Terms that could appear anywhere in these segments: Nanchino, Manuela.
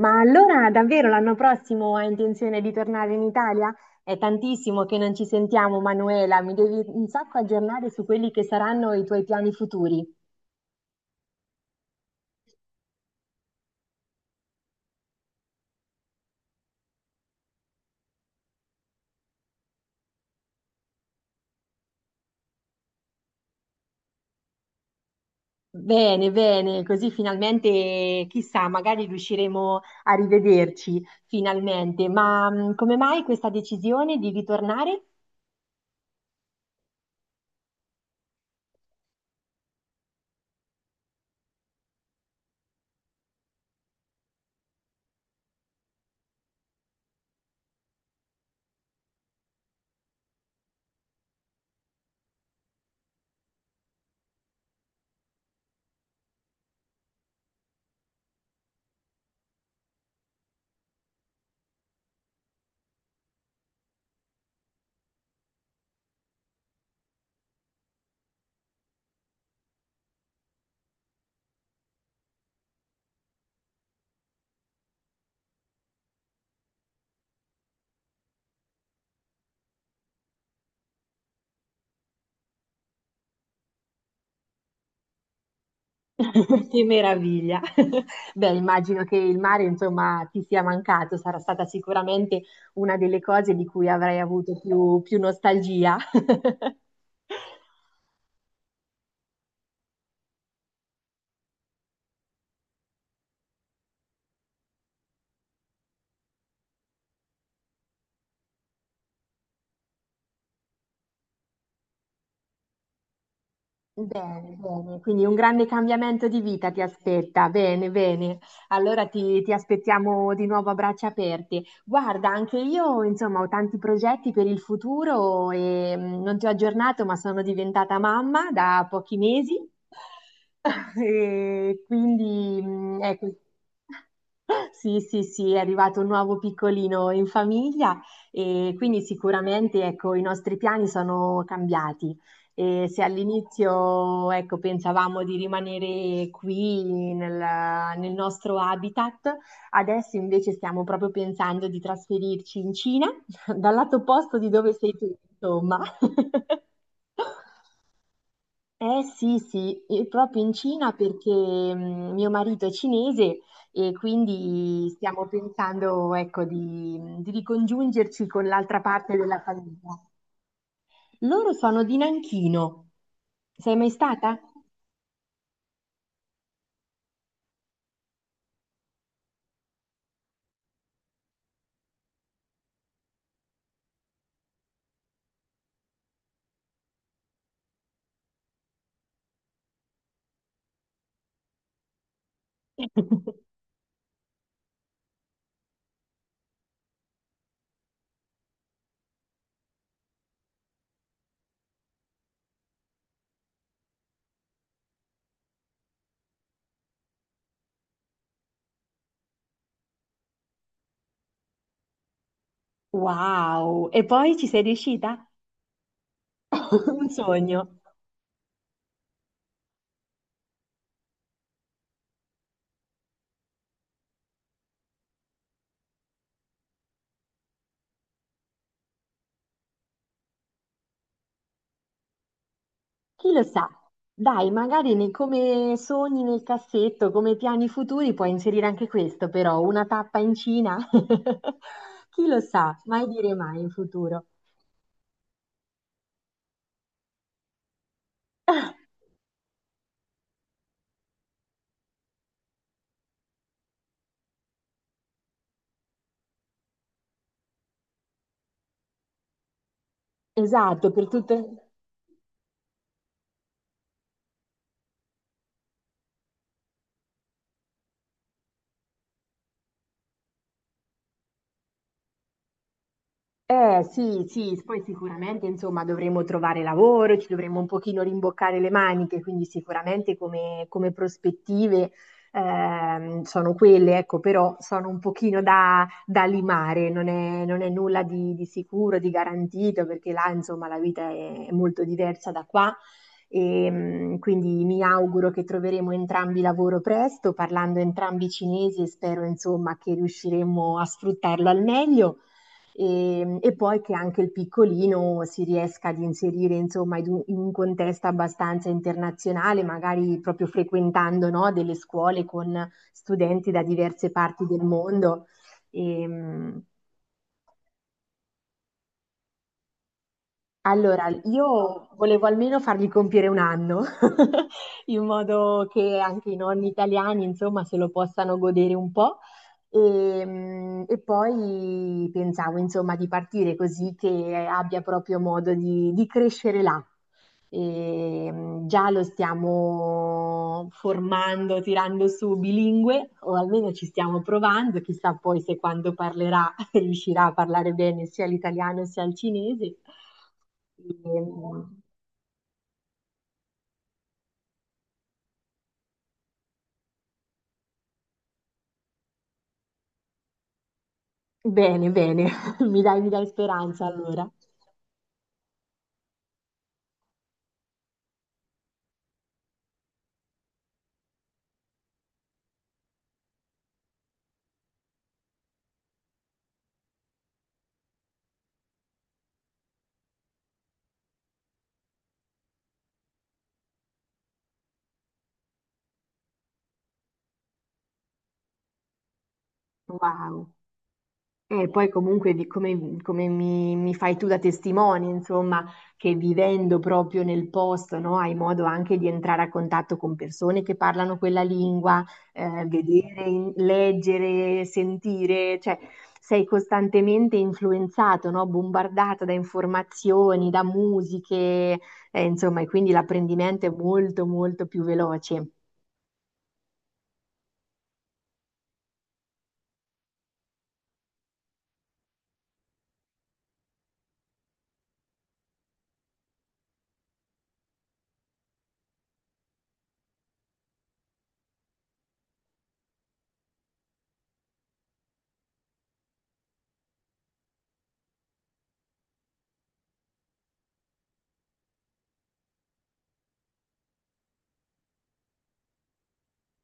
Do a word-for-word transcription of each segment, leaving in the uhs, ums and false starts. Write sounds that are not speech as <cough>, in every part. Ma allora davvero l'anno prossimo hai intenzione di tornare in Italia? È tantissimo che non ci sentiamo, Manuela, mi devi un sacco aggiornare su quelli che saranno i tuoi piani futuri. Bene, bene, così finalmente, chissà, magari riusciremo a rivederci finalmente. Ma mh, come mai questa decisione di ritornare? <laughs> Che meraviglia! <laughs> Beh, immagino che il mare, insomma, ti sia mancato, sarà stata sicuramente una delle cose di cui avrai avuto più, più nostalgia. <laughs> Bene, bene, quindi un grande cambiamento di vita ti aspetta. Bene, bene. Allora ti, ti aspettiamo di nuovo a braccia aperte. Guarda, anche io, insomma, ho tanti progetti per il futuro e mh, non ti ho aggiornato, ma sono diventata mamma da pochi mesi. <laughs> E quindi, mh, ecco. Sì, sì, sì, è arrivato un nuovo piccolino in famiglia e quindi sicuramente, ecco, i nostri piani sono cambiati. E se all'inizio, ecco, pensavamo di rimanere qui nel, nel nostro habitat, adesso invece stiamo proprio pensando di trasferirci in Cina, <laughs> dal lato opposto di dove sei tu, insomma. <laughs> Eh sì, sì, e proprio in Cina perché mh, mio marito è cinese e quindi stiamo pensando, ecco, di, di ricongiungerci con l'altra parte della famiglia. Loro sono di Nanchino. Sei mai stata? Wow! E poi ci sei riuscita? <laughs> Un sogno. Chi lo sa? Dai, magari nei- come sogni nel cassetto, come piani futuri, puoi inserire anche questo, però una tappa in Cina. <laughs> Chi lo sa? Mai dire mai in futuro. Esatto, per tutto. Eh sì, sì, poi sicuramente insomma dovremo trovare lavoro, ci dovremo un pochino rimboccare le maniche, quindi sicuramente come, come prospettive ehm, sono quelle, ecco, però sono un pochino da, da limare, non è, non è nulla di, di sicuro, di garantito, perché là insomma la vita è, è molto diversa da qua. E, mh, quindi mi auguro che troveremo entrambi lavoro presto, parlando entrambi cinesi e spero insomma che riusciremo a sfruttarlo al meglio e, e poi che anche il piccolino si riesca ad inserire insomma in un, in un contesto abbastanza internazionale, magari proprio frequentando no, delle scuole con studenti da diverse parti del mondo. E, allora, io volevo almeno fargli compiere un anno. <laughs> In modo che anche i nonni italiani, insomma, se lo possano godere un po'. E, mm, e poi pensavo, insomma, di partire così che abbia proprio modo di, di crescere là. E, mm, già lo stiamo formando, tirando su bilingue, o almeno ci stiamo provando, chissà poi se quando parlerà <laughs> riuscirà a parlare bene sia l'italiano sia il cinese. E, mm, bene, bene, <laughs> mi dai, mi dai speranza allora. Wow. E poi comunque di come, come mi, mi fai tu da testimone, insomma, che vivendo proprio nel posto, no, hai modo anche di entrare a contatto con persone che parlano quella lingua, eh, vedere, in- leggere, sentire, cioè sei costantemente influenzato, no, bombardato da informazioni, da musiche, eh, insomma, e quindi l'apprendimento è molto, molto più veloce.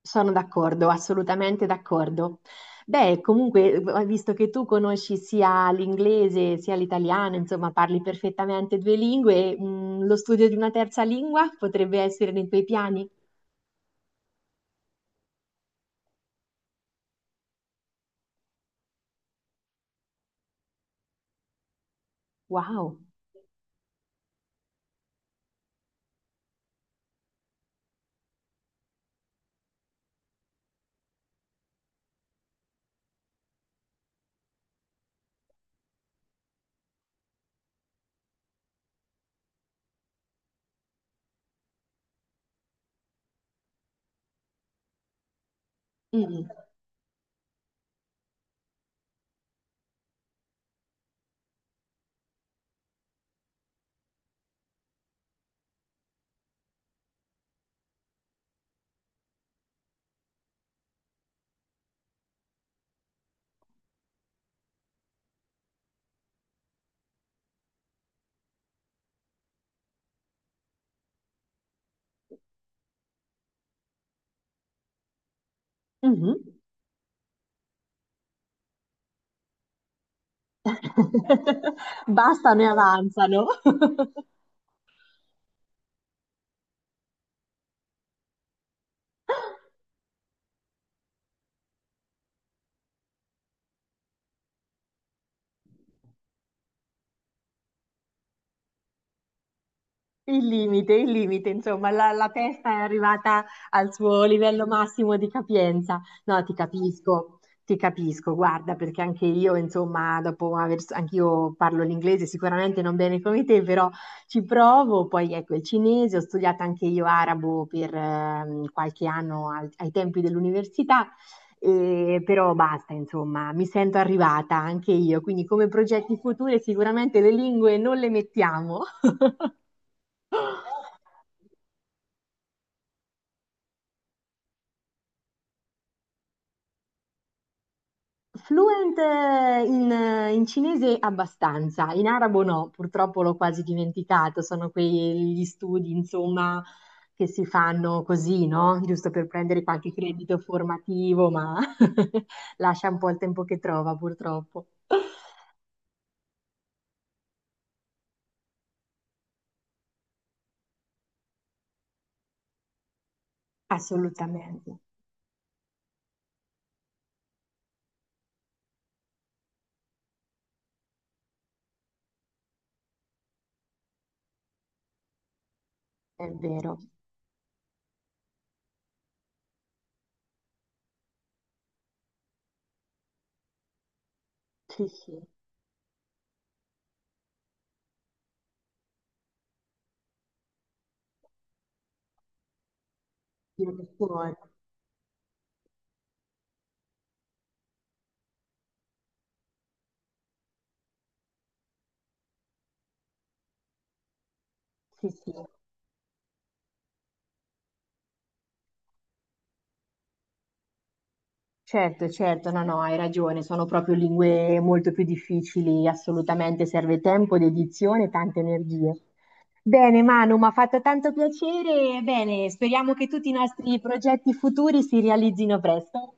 Sono d'accordo, assolutamente d'accordo. Beh, comunque, eh, visto che tu conosci sia l'inglese sia l'italiano, insomma, parli perfettamente due lingue, mh, lo studio di una terza lingua potrebbe essere nei tuoi piani? Wow. Mm. Mhm. <laughs> Bastano e avanzano. <laughs> Il limite, il limite, insomma, la, la testa è arrivata al suo livello massimo di capienza. No, ti capisco, ti capisco, guarda, perché anche io, insomma, dopo aver, anch'io parlo l'inglese sicuramente non bene come te, però ci provo. Poi ecco il cinese, ho studiato anche io arabo per ehm, qualche anno al- ai tempi dell'università. E- però basta, insomma, mi sento arrivata anche io, quindi come progetti futuri sicuramente le lingue non le mettiamo. <laughs> Fluent eh, in, eh, in cinese abbastanza, in arabo no, purtroppo l'ho quasi dimenticato, sono quegli studi, insomma, che si fanno così, no? Giusto per prendere qualche credito formativo, ma <laughs> lascia un po' il tempo che trova, purtroppo. Assolutamente, è vero. Sì, sì, viene fuori. Sì, sì. Certo, certo, no, no, hai ragione, sono proprio lingue molto più difficili, assolutamente serve tempo, dedizione e tante energie. Bene, Manu, mi ha fatto tanto piacere, bene, speriamo che tutti i nostri progetti futuri si realizzino presto.